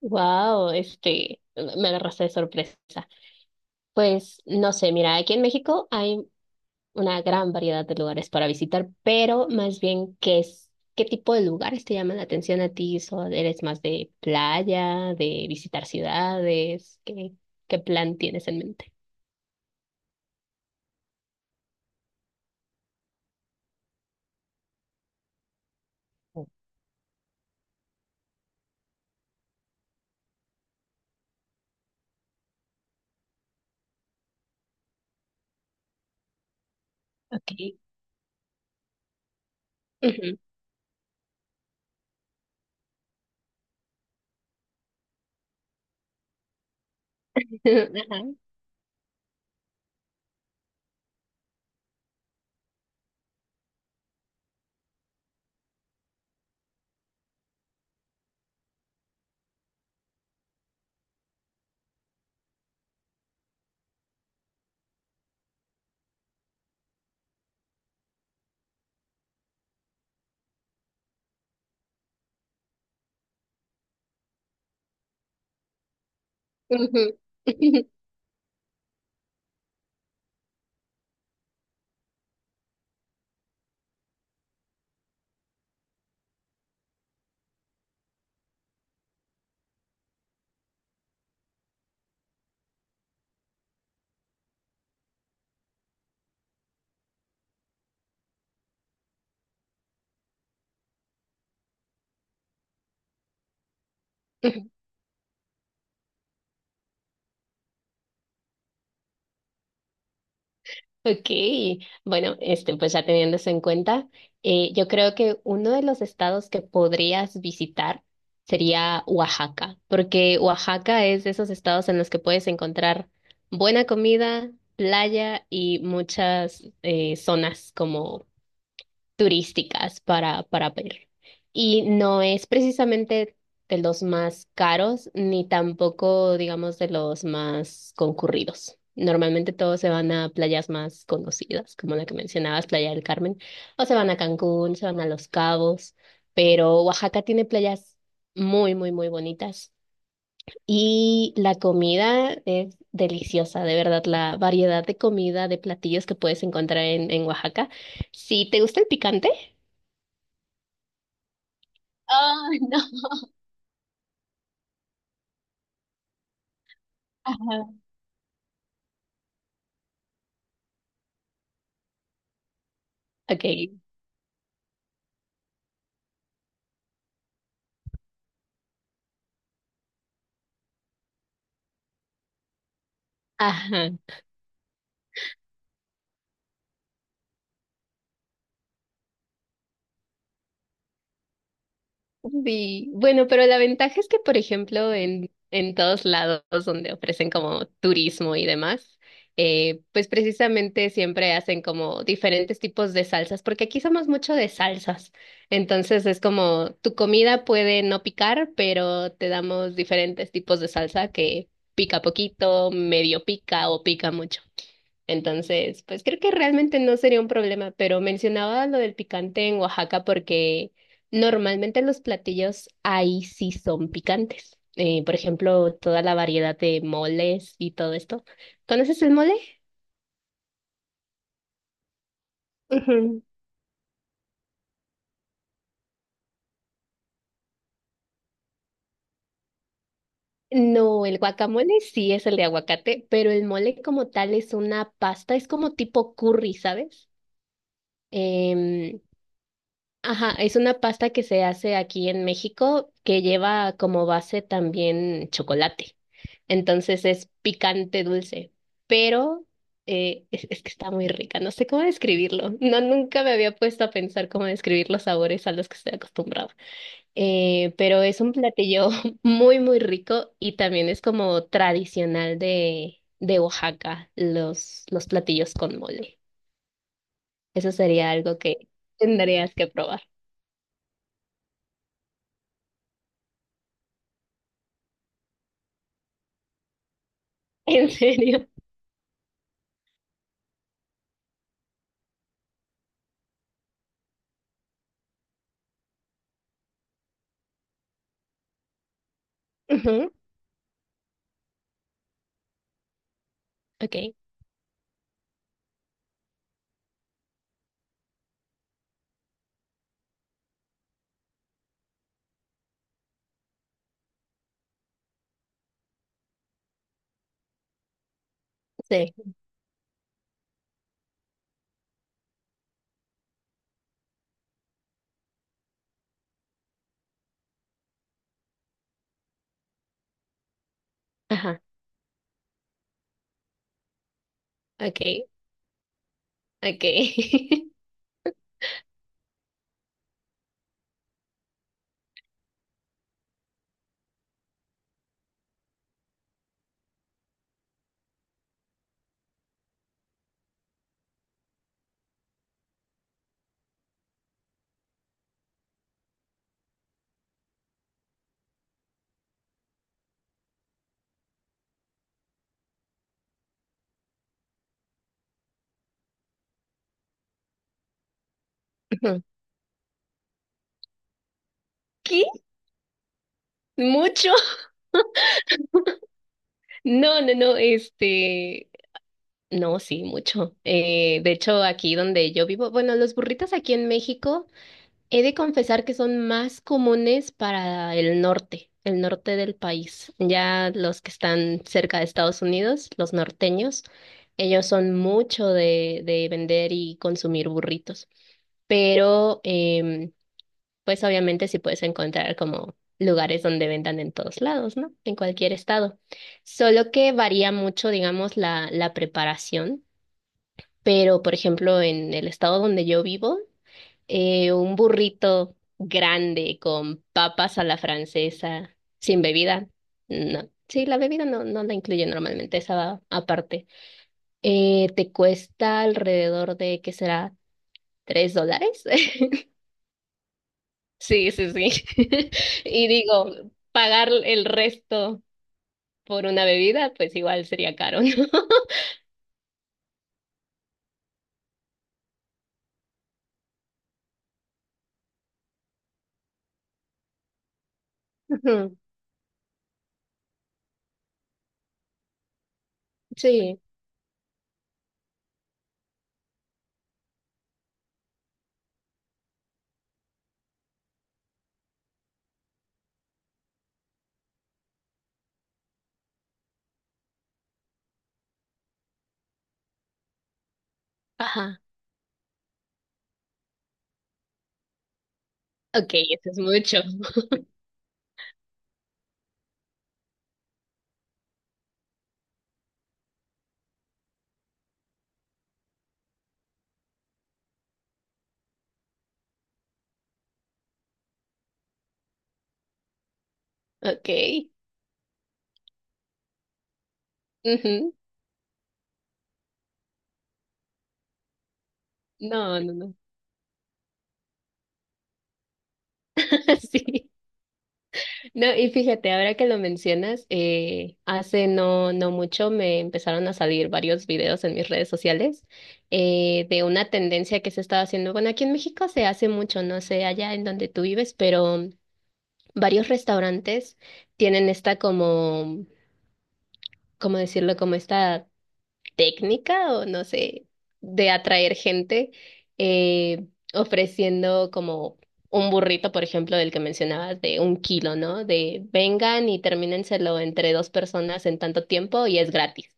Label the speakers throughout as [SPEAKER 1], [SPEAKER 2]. [SPEAKER 1] Me agarraste de sorpresa. Pues no sé, mira, aquí en México hay una gran variedad de lugares para visitar, pero más bien, ¿qué tipo de lugares te llaman la atención a ti? ¿Eres más de playa, de visitar ciudades? ¿Qué plan tienes en mente? Okay. Ujú. Ajá. Ujú. Ok, bueno, pues ya teniendo eso en cuenta, yo creo que uno de los estados que podrías visitar sería Oaxaca, porque Oaxaca es de esos estados en los que puedes encontrar buena comida, playa y muchas zonas como turísticas para ver. Y no es precisamente de los más caros, ni tampoco, digamos, de los más concurridos. Normalmente todos se van a playas más conocidas, como la que mencionabas, Playa del Carmen, o se van a Cancún, se van a Los Cabos, pero Oaxaca tiene playas muy, muy, muy bonitas. Y la comida es deliciosa, de verdad, la variedad de comida, de platillos que puedes encontrar en Oaxaca. Si te gusta el picante, ah, no. Ajá. Ok. Ajá. Sí. Bueno, pero la ventaja es que, por ejemplo, en todos lados donde ofrecen como turismo y demás, pues precisamente siempre hacen como diferentes tipos de salsas, porque aquí somos mucho de salsas. Entonces es como tu comida puede no picar, pero te damos diferentes tipos de salsa que pica poquito, medio pica o pica mucho. Entonces, pues creo que realmente no sería un problema, pero mencionaba lo del picante en Oaxaca porque normalmente los platillos ahí sí son picantes. Por ejemplo, toda la variedad de moles y todo esto. ¿Conoces el mole? Ujú. No, el guacamole sí es el de aguacate, pero el mole como tal es una pasta, es como tipo curry, ¿sabes? Em, Ajá, es una pasta que se hace aquí en México que lleva como base también chocolate. Entonces es picante dulce, pero es que está muy rica. No sé cómo describirlo. No, nunca me había puesto a pensar cómo describir los sabores a los que estoy acostumbrada. Pero es un platillo muy, muy rico y también es como tradicional de Oaxaca, los platillos con mole. Eso sería algo que tendrías que probar. ¿En serio? Ujú. Ok, sí, ajá, ok, ok. Ujú. ¿Qué? ¿Mucho? No, no, no, no, sí, mucho. De hecho, aquí donde yo vivo, bueno, los burritos aquí en México, he de confesar que son más comunes para el norte del país. Ya los que están cerca de Estados Unidos, los norteños, ellos son mucho de vender y consumir burritos. Pero pues obviamente sí puedes encontrar como lugares donde vendan en todos lados, ¿no? En cualquier estado. Solo que varía mucho, digamos, la preparación, pero por ejemplo, en el estado donde yo vivo, un burrito grande con papas a la francesa, sin bebida, no. Sí, la bebida no, no la incluye normalmente, esa va aparte. Te cuesta alrededor de, ¿qué será? ¿$3? Sí, sí, sí. Y digo, pagar el resto por una bebida, pues igual sería caro, ¿no? Ujú. Sí, ajá. Ok, eso es mucho. Ok. Ujú. No, no, no. Sí. No, y fíjate, ahora que lo mencionas, hace no, no mucho me empezaron a salir varios videos en mis redes sociales de una tendencia que se estaba haciendo. Bueno, aquí en México se hace mucho, no sé allá en donde tú vives, pero varios restaurantes tienen esta como, ¿cómo decirlo? Como esta técnica o no sé, de atraer gente eh, ofreciendo como un burrito, por ejemplo, del que mencionabas, de 1 kilo, ¿no? De vengan y termínenselo entre dos personas en tanto tiempo y es gratis.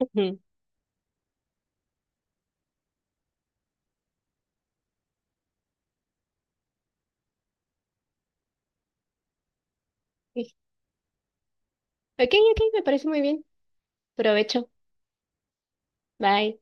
[SPEAKER 1] Ok, ok, me parece muy bien. Provecho. Bye.